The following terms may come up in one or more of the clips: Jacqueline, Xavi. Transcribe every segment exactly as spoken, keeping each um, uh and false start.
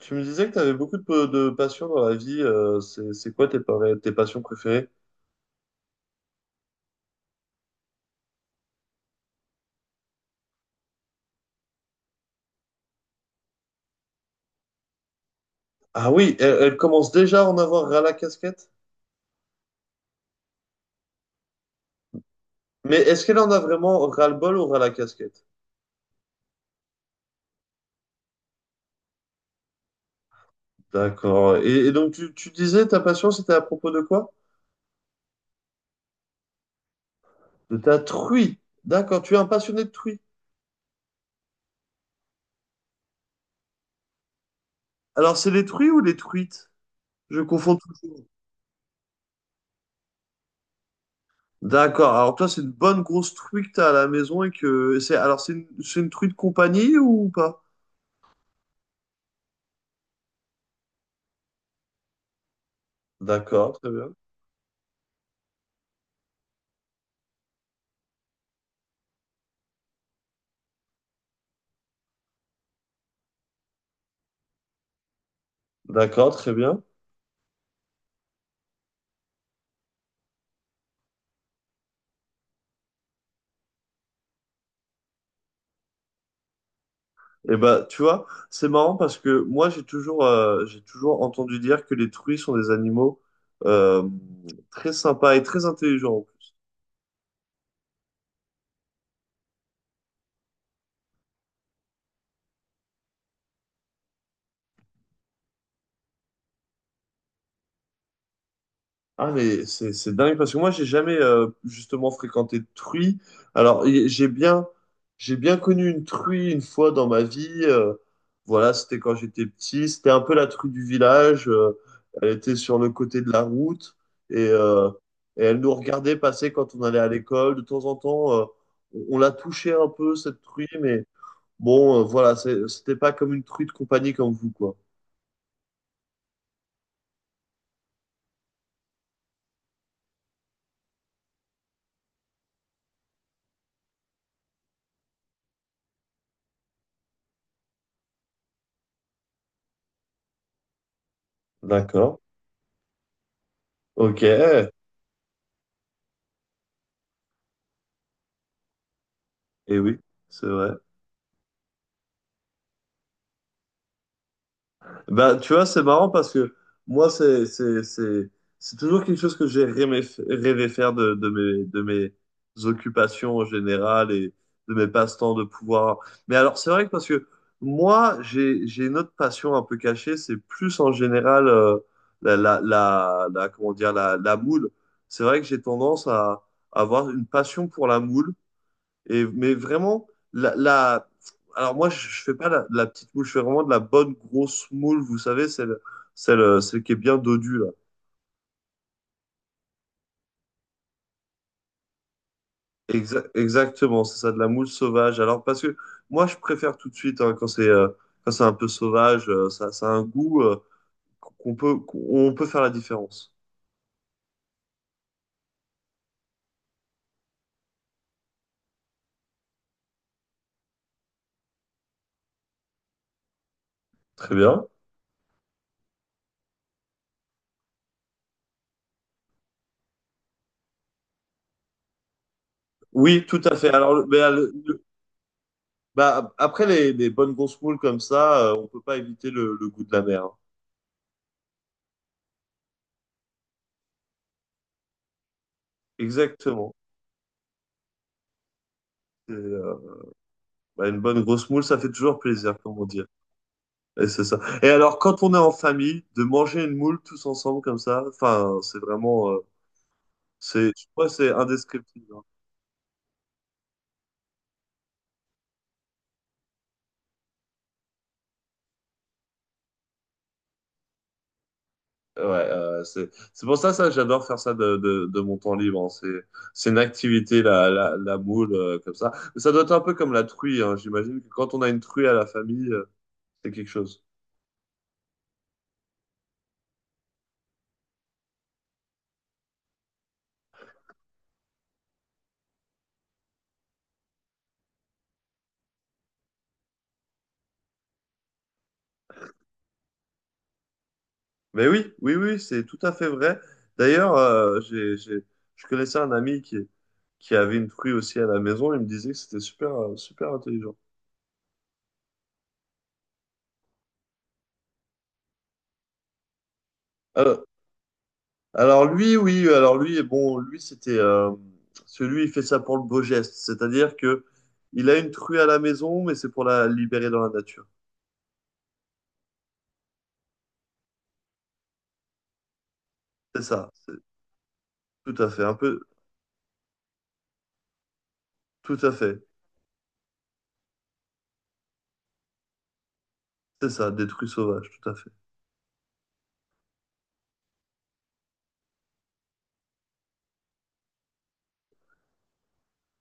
Tu me disais que tu avais beaucoup de, de passions dans la vie. euh, c'est, c'est quoi tes, par- tes passions préférées? Ah oui, elle, elle commence déjà à en avoir ras la casquette. Mais est-ce qu'elle en a vraiment ras-le-bol ou ras la casquette? D'accord. Et, et donc, tu, tu disais ta passion, c'était à propos de quoi? De ta truie. D'accord, tu es un passionné de truie. Alors, c'est les truies ou les truites? Je confonds toujours. D'accord. Alors, toi, c'est une bonne grosse truie que tu as à la maison et que c'est. Alors, c'est une, c'est une truie de compagnie ou pas? D'accord, très bien. D'accord, très bien. Et bah, tu vois, c'est marrant parce que moi, j'ai toujours, euh, j'ai toujours entendu dire que les truies sont des animaux euh, très sympas et très intelligents. Ah mais c'est c'est dingue parce que moi j'ai jamais euh, justement fréquenté de truie. Alors y- j'ai bien j'ai bien connu une truie une fois dans ma vie. euh, voilà, c'était quand j'étais petit. C'était un peu la truie du village. euh, elle était sur le côté de la route et, euh, et elle nous regardait passer quand on allait à l'école. De temps en temps, euh, on on la touchait un peu cette truie, mais bon, euh, voilà, c'est- c'était pas comme une truie de compagnie comme vous quoi. D'accord. Ok. Eh oui, c'est vrai. Bah, tu vois, c'est marrant parce que moi, c'est, c'est, c'est, c'est toujours quelque chose que j'ai rêvé, rêvé faire de, de mes, de mes occupations en général et de mes passe-temps de pouvoir. Mais alors, c'est vrai que parce que moi, j'ai, j'ai une autre passion un peu cachée, c'est plus en général euh, la, la, la, la- comment dire, la, la moule. C'est vrai que j'ai tendance à, avoir une passion pour la moule et, mais vraiment, la, la- alors moi, je je fais pas la, la petite moule, je fais vraiment de la bonne grosse moule, vous savez, celle, celle, celle qui est bien dodue, là. Exa- exactement, c'est ça, de la moule sauvage. Alors, parce que moi, je préfère tout de suite, hein, quand c'est euh, quand c'est un peu sauvage, euh, ça, ça a un goût euh, qu'on peut, qu'on peut faire la différence. Très bien. Oui, tout à fait. Alors, le- mais, euh, le- le- bah, après les, les bonnes grosses moules comme ça, euh, on peut pas éviter le, le goût de la mer, hein. Exactement. C'est, bah, une bonne grosse moule, ça fait toujours plaisir, comment dire. Et c'est ça. Et alors, quand on est en famille, de manger une moule tous ensemble comme ça, enfin, c'est vraiment, euh, c'est, je crois, que c'est indescriptible, hein. Ouais, euh, c'est, c'est pour ça, ça, j'adore faire ça de, de, de mon temps libre, hein. C'est, c'est une activité, la, la, la moule, euh, comme ça. Mais ça doit être un peu comme la truie, hein. J'imagine que quand on a une truie à la famille, euh, c'est quelque chose. Mais oui, oui, oui, c'est tout à fait vrai. D'ailleurs, euh, j'ai, j'ai- je connaissais un ami qui, qui avait une fruit aussi à la maison. Il me disait que c'était super, euh, super intelligent. Alors, alors lui, oui, alors lui, bon, lui, c'était euh, celui, il fait ça pour le beau geste. C'est-à-dire que il a une truie à la maison, mais c'est pour la libérer dans la nature. C'est ça, c'est tout à fait, un peu, tout à fait. C'est ça, des truies sauvages, tout à fait.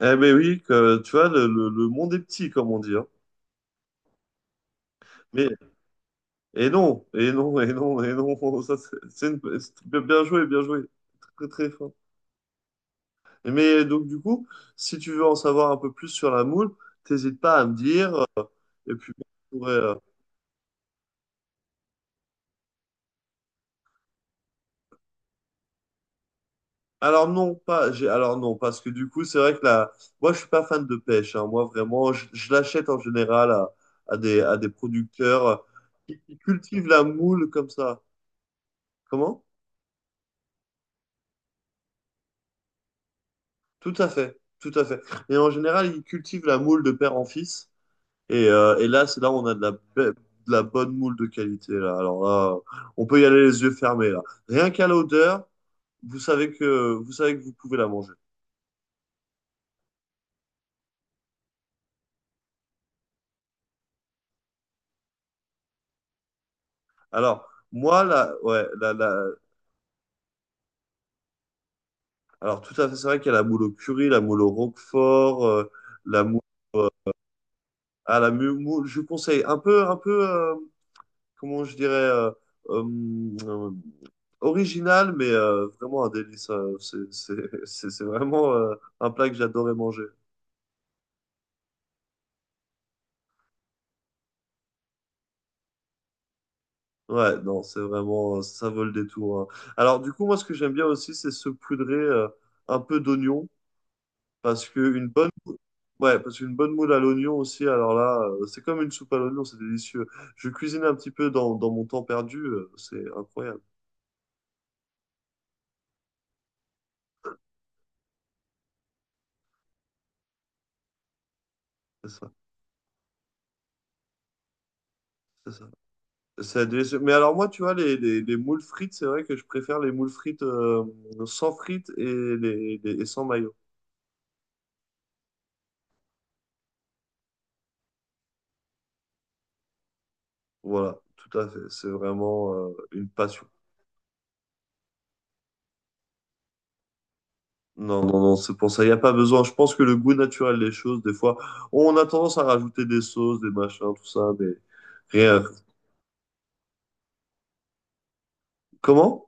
Eh ben oui, que, tu vois, le, le- le monde est petit, comme on dit, hein. Mais et non, et non, et non, et non. Ça, c'est c'est une- c'est- bien joué, bien joué. Très, très fort. Mais donc, du coup, si tu veux en savoir un peu plus sur la moule, t'hésites pas à me dire, euh, et puis, on pourrait, euh, alors non, pas. J'ai... Alors non, parce que du coup, c'est vrai que là, moi, je suis pas fan de pêche, hein. Moi, vraiment, je, je l'achète en général à, à des, à des producteurs euh, qui, qui cultivent la moule comme ça. Comment? Tout à fait, tout à fait. Et en général, ils cultivent la moule de père en fils. Et, euh, et là, c'est là où on a de la, be- de la bonne moule de qualité, là. Alors là, on peut y aller les yeux fermés, là. Rien qu'à l'odeur, vous savez que, vous savez que vous pouvez la manger. Alors, moi, là, ouais, là, là, alors tout à fait, c'est vrai qu'il y a la moule au curry, la moule au roquefort, euh, la moule, euh, ah, la mu- moule, je vous conseille un peu, un peu, euh, comment je dirais, euh, euh, euh, original, mais euh, vraiment un délice. euh, c'est c'est- c'est- c'est vraiment euh, un plat que j'adorais manger. Ouais, non, c'est vraiment, ça vaut le détour, hein. Alors, du coup, moi, ce que j'aime bien aussi, c'est se poudrer euh, un peu d'oignon, parce que une bonne, ouais, parce qu'une bonne moule à l'oignon aussi, alors là, euh, c'est comme une soupe à l'oignon, c'est délicieux. Je cuisine un petit peu dans, dans mon temps perdu, euh, c'est incroyable, c'est ça, c'est ça. C'est délicieux. Mais alors, moi, tu vois, les, les, les moules frites, c'est vrai que je préfère les moules frites euh, sans frites et, les, les- et sans maillot. Voilà, tout à fait. C'est vraiment euh, une passion. Non, non, non, c'est pour ça. Il n'y a pas besoin. Je pense que le goût naturel des choses, des fois, on a tendance à rajouter des sauces, des machins, tout ça, mais rien. Comment?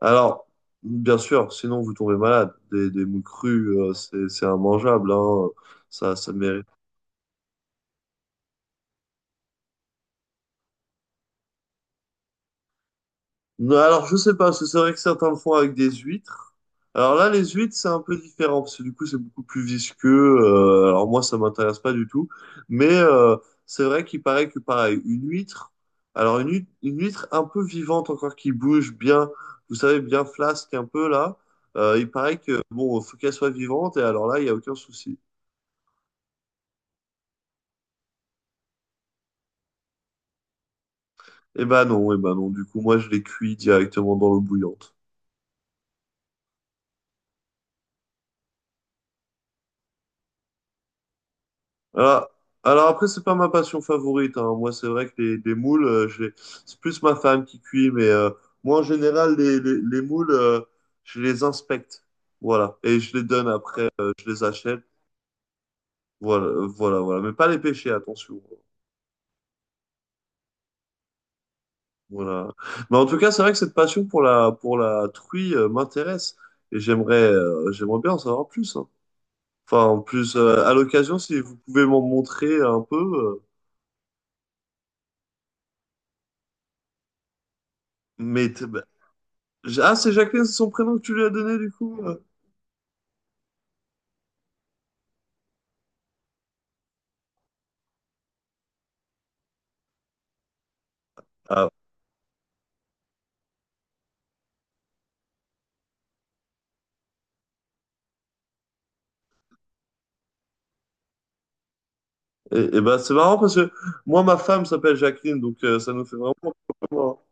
Alors, bien sûr, sinon vous tombez malade. Des, des moules crues, euh, c'est, c'est immangeable, hein. Ça, ça mérite. Non, alors, je sais pas, parce que c'est vrai que certains le font avec des huîtres. Alors là, les huîtres, c'est un peu différent, parce que du coup, c'est beaucoup plus visqueux. euh, alors moi, ça m'intéresse pas du tout. Mais euh, c'est vrai qu'il paraît que, pareil, une huître, alors une huître, une huître un peu vivante encore, qui bouge bien, vous savez, bien flasque un peu là, euh, il paraît que, bon, faut qu'elle soit vivante, et alors là, il y a aucun souci. Eh ben non, eh ben non, du coup, moi, je les cuis directement dans l'eau bouillante. Alors, alors après, c'est pas ma passion favorite, hein. Moi, c'est vrai que les, les moules, euh, je les- c'est plus ma femme qui cuit, mais euh, moi, en général, les, les, les moules, euh, je les inspecte. Voilà. Et je les donne après, euh, je les achète. Voilà, euh, voilà, voilà. Mais pas les pêcher, attention. Voilà. Mais en tout cas, c'est vrai que cette passion pour la, pour la truie, euh, m'intéresse. Et j'aimerais, euh, j'aimerais bien en savoir plus, hein. Enfin, en plus, euh, à l'occasion, si vous pouvez m'en montrer un peu. euh, mais t- bah, J- ah, c'est Jacqueline, c'est son prénom que tu lui as donné du coup? euh. Ah, et, et bah c'est marrant parce que moi, ma femme s'appelle Jacqueline, donc euh, ça nous fait vraiment. vraiment-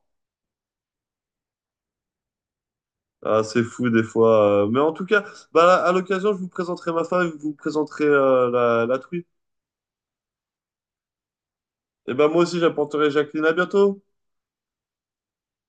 Ah, c'est fou des fois. euh. Mais en tout cas, bah, à l'occasion, je vous présenterai ma femme et vous présenterez euh, la, la truie. Et ben moi aussi, j'apporterai Jacqueline. À bientôt!